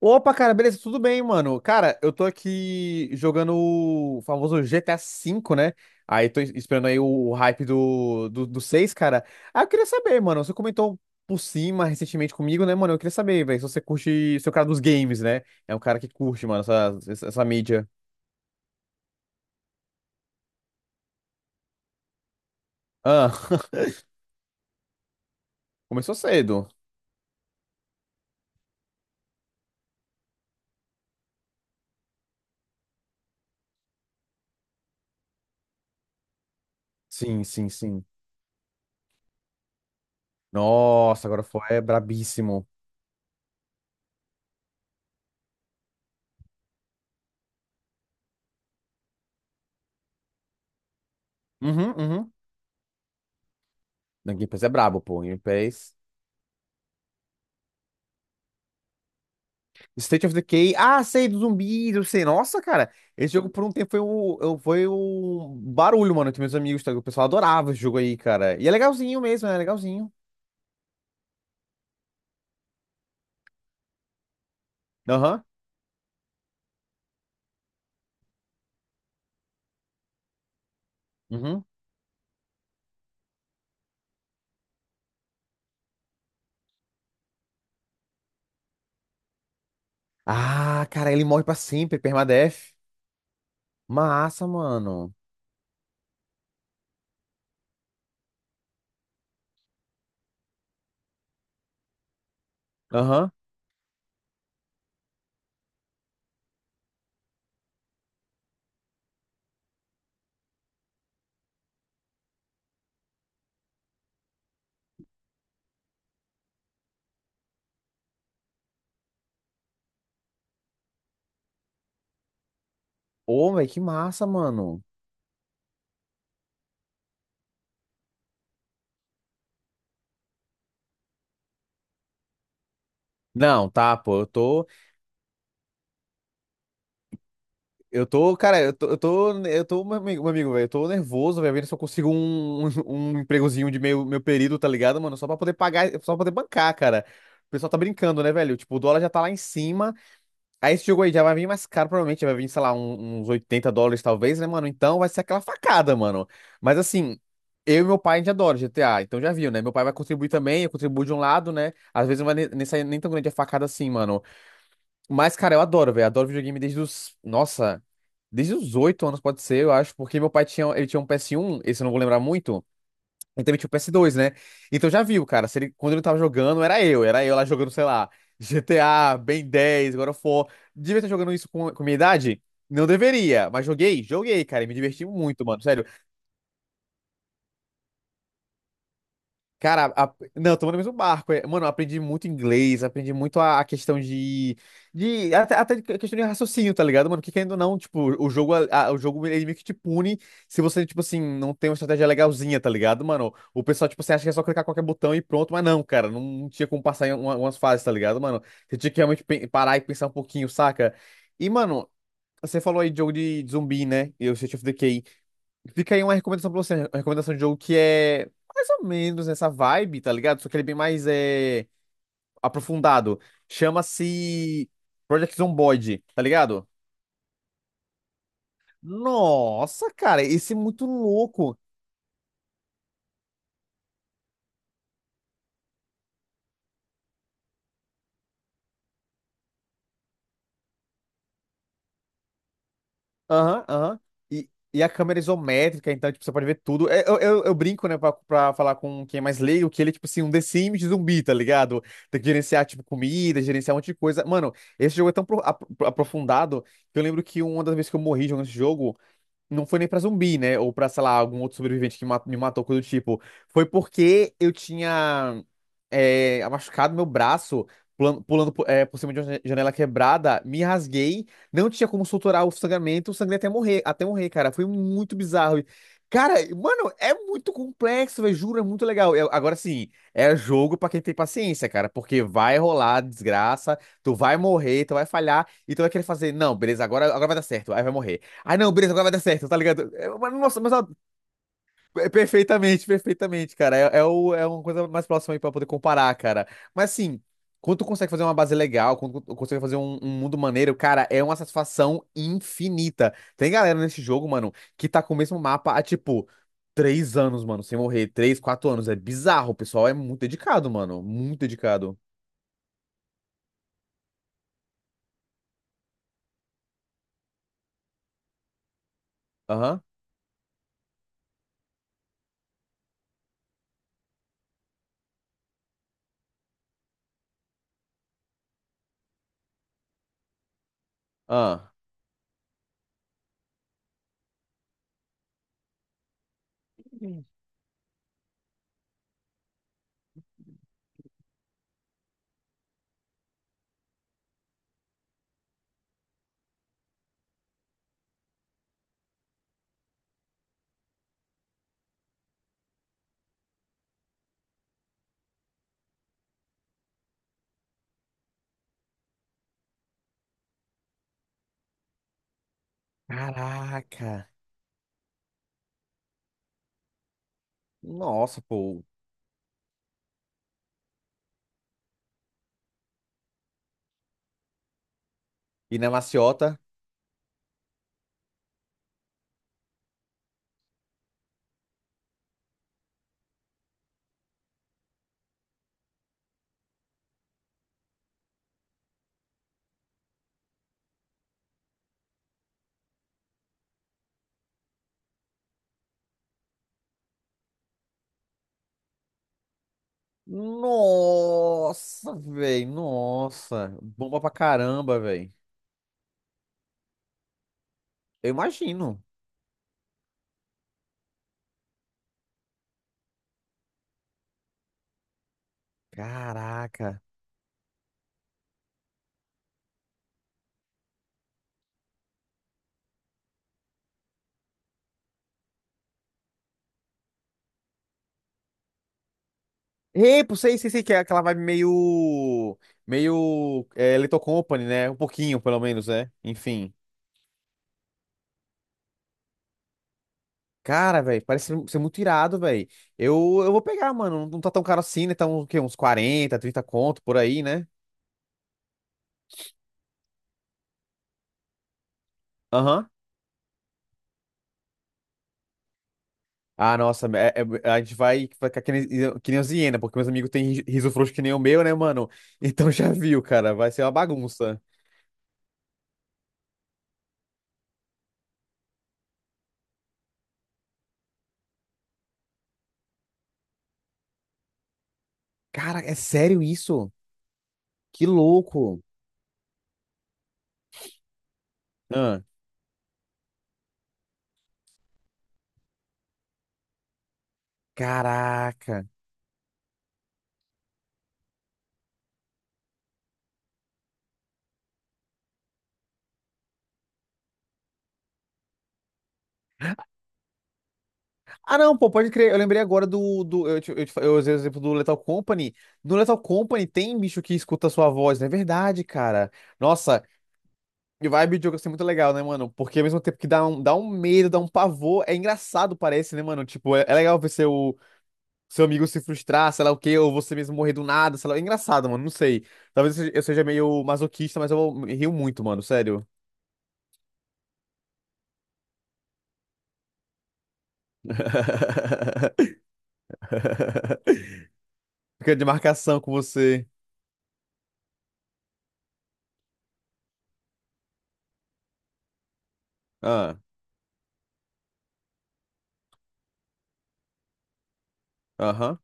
Opa, cara, beleza, tudo bem, mano? Cara, eu tô aqui jogando o famoso GTA V, né? Aí tô esperando aí o hype do 6, cara. Ah, eu queria saber, mano, você comentou por cima recentemente comigo, né, mano? Eu queria saber, velho, se você curte, se é o cara dos games, né? É um cara que curte, mano, essa mídia. Ah, começou cedo. Sim, sim, sim. Nossa, agora foi é brabíssimo. Uhum, uhum. Não, Game Pass é brabo, pô. Game Pass. State of Decay. Ah, sei, do zumbi, eu sei. Nossa, cara. Esse jogo por um tempo foi foi um barulho, mano, entre meus amigos. Tá? O pessoal adorava esse jogo aí, cara. E é legalzinho mesmo, é legalzinho. Aham. Uhum. Ah, cara, ele morre pra sempre, permadeath. Massa, mano. Aham. Ô, velho, que massa, mano. Não, tá, pô, eu tô. Eu tô, cara, meu amigo, velho, eu tô nervoso, velho, vendo se eu consigo um empregozinho de meio, meu período, tá ligado, mano? Só pra poder pagar, só pra poder bancar, cara. O pessoal tá brincando, né, velho? Tipo, o dólar já tá lá em cima. Aí esse jogo aí já vai vir mais caro, provavelmente. Vai vir, sei lá, uns 80 dólares, talvez, né, mano? Então vai ser aquela facada, mano. Mas assim, eu e meu pai, a gente adora GTA, então já viu, né? Meu pai vai contribuir também, eu contribuo de um lado, né? Às vezes não vai nem sair nem tão grande a facada assim, mano. Mas, cara, eu adoro, velho. Adoro videogame desde os. Nossa, desde os 8 anos, pode ser, eu acho, porque meu pai tinha. Ele tinha um PS1, esse eu não vou lembrar muito. E também tinha o PS2, né? Então já viu, cara. Se ele, quando ele tava jogando, era eu. Era eu lá jogando, sei lá, GTA, Ben 10, God of War. Devia estar jogando isso com minha idade? Não deveria, mas joguei, joguei, cara. E me diverti muito, mano. Sério. Cara, não, estamos no mesmo barco. É. Mano, eu aprendi muito inglês, aprendi muito a questão de, até de questão de raciocínio, tá ligado, mano? Porque querendo ou não, tipo, o jogo, o jogo ele meio que te pune se você, tipo assim, não tem uma estratégia legalzinha, tá ligado, mano? O pessoal, tipo, você acha que é só clicar qualquer botão e pronto, mas não, cara, não, não tinha como passar em umas fases, tá ligado, mano? Você tinha que realmente parar e pensar um pouquinho, saca? E, mano, você falou aí de jogo de zumbi, né? E o State of Decay. Fica aí uma recomendação pra você, né? Uma recomendação de jogo que é mais ou menos nessa vibe, tá ligado? Só que ele é bem mais aprofundado. Chama-se Project Zomboid, tá ligado? Nossa, cara, esse é muito louco. Aham, aham. E a câmera é isométrica, então, tipo, você pode ver tudo. Eu brinco, né, pra falar com quem é mais leigo, que ele é, tipo, assim, um The Sims de zumbi, tá ligado? Tem que gerenciar, tipo, comida, gerenciar um monte de coisa. Mano, esse jogo é tão aprofundado que eu lembro que uma das vezes que eu morri jogando esse jogo, não foi nem pra zumbi, né? Ou pra, sei lá, algum outro sobrevivente que me matou, coisa do tipo. Foi porque eu tinha machucado meu braço pulando, por cima de uma janela quebrada, me rasguei, não tinha como suturar o sangramento, eu sangrei até morrer, cara. Foi muito bizarro. E, cara, mano, é muito complexo, velho, juro, é muito legal. Agora sim, é jogo pra quem tem paciência, cara, porque vai rolar desgraça, tu vai morrer, tu vai falhar, e tu vai querer fazer, não, beleza, agora, agora vai dar certo, aí vai morrer. Ah, não, beleza, agora vai dar certo, tá ligado? É, mas, nossa, mas ó, é perfeitamente, perfeitamente, cara. É uma coisa mais próxima aí pra poder comparar, cara. Mas assim, quando tu consegue fazer uma base legal, quando tu consegue fazer um mundo maneiro, cara, é uma satisfação infinita. Tem galera nesse jogo, mano, que tá com o mesmo mapa há, tipo, 3 anos, mano, sem morrer. 3, 4 anos. É bizarro, o pessoal é muito dedicado, mano. Muito dedicado. Aham, ah. Caraca. Nossa, pô. E na maciota. Nossa, velho. Nossa. Bomba pra caramba, velho. Eu imagino. Caraca. Ei, pô, sei, sei, sei que é aquela vibe meio. Meio. É, Little Company, né? Um pouquinho, pelo menos, né? Enfim. Cara, velho, parece ser muito irado, velho. Eu vou pegar, mano. Não tá tão caro assim, né? Tá um, o quê? Uns 40, 30 conto por aí, né? Aham. Ah, nossa, a gente vai ficar que nem os hiena, porque meus amigos têm riso frouxo que nem o meu, né, mano? Então já viu, cara, vai ser uma bagunça. Cara, é sério isso? Que louco. Ah, caraca. Ah, não, pô, pode crer. Eu lembrei agora do. Do eu, te- fa- eu usei o exemplo do Lethal Company. No Lethal Company tem bicho que escuta a sua voz, não é verdade, cara? Nossa, e vibe de jogo assim é muito legal, né, mano? Porque ao mesmo tempo que dá dá um medo, dá um pavor, é engraçado, parece, né, mano? Tipo, é legal ver seu. Seu amigo se frustrar, sei lá o quê, ou você mesmo morrer do nada, sei lá. É engraçado, mano, não sei. Talvez eu seja meio masoquista, mas eu me rio muito, mano, sério. Fica de marcação com você. Ah, aham,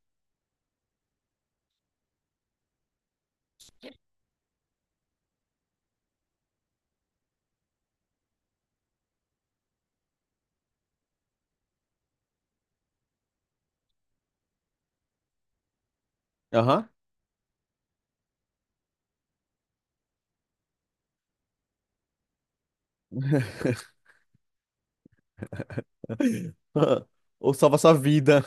aham. Ah, ou salva sua vida.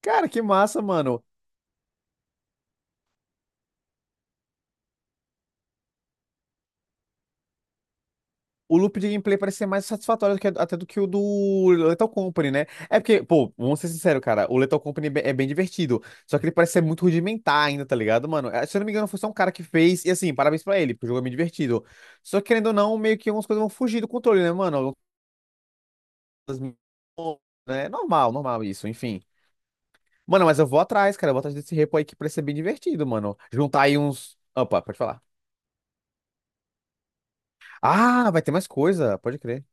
Cara, que massa, mano. O loop de gameplay parece ser mais satisfatório até do que o do Lethal Company, né? É porque, pô, vamos ser sinceros, cara, o Lethal Company é bem divertido, só que ele parece ser muito rudimentar ainda, tá ligado, mano? Se eu não me engano, foi só um cara que fez, e assim, parabéns pra ele, porque o jogo é bem divertido. Só que, querendo ou não, meio que algumas coisas vão fugir do controle, né, mano? Algumas coisas, né? Normal, normal isso, enfim. Mano, mas eu vou atrás, cara, eu vou atrás desse repo aí que parece ser bem divertido, mano. Juntar aí uns... Opa, pode falar. Ah, vai ter mais coisa, pode crer.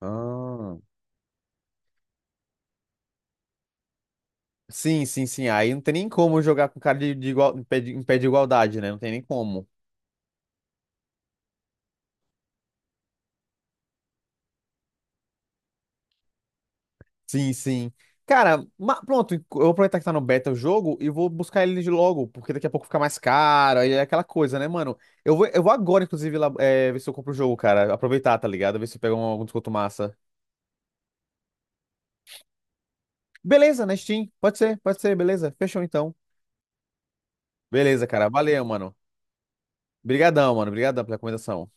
Ah. Sim, sim, sim. Aí não tem nem como jogar com cara de igual, em pé de igualdade, né? Não tem nem como. Sim, sim. Cara, pronto, eu vou aproveitar que tá no beta o jogo e vou buscar ele de logo, porque daqui a pouco fica mais caro, aí é aquela coisa, né, mano? Eu vou agora, inclusive, lá, é, ver se eu compro o jogo, cara. Aproveitar, tá ligado? Ver se eu pego algum desconto massa. Beleza, na Steam. Pode ser, beleza. Fechou então. Beleza, cara. Valeu, mano. Obrigadão, mano. Obrigadão pela recomendação.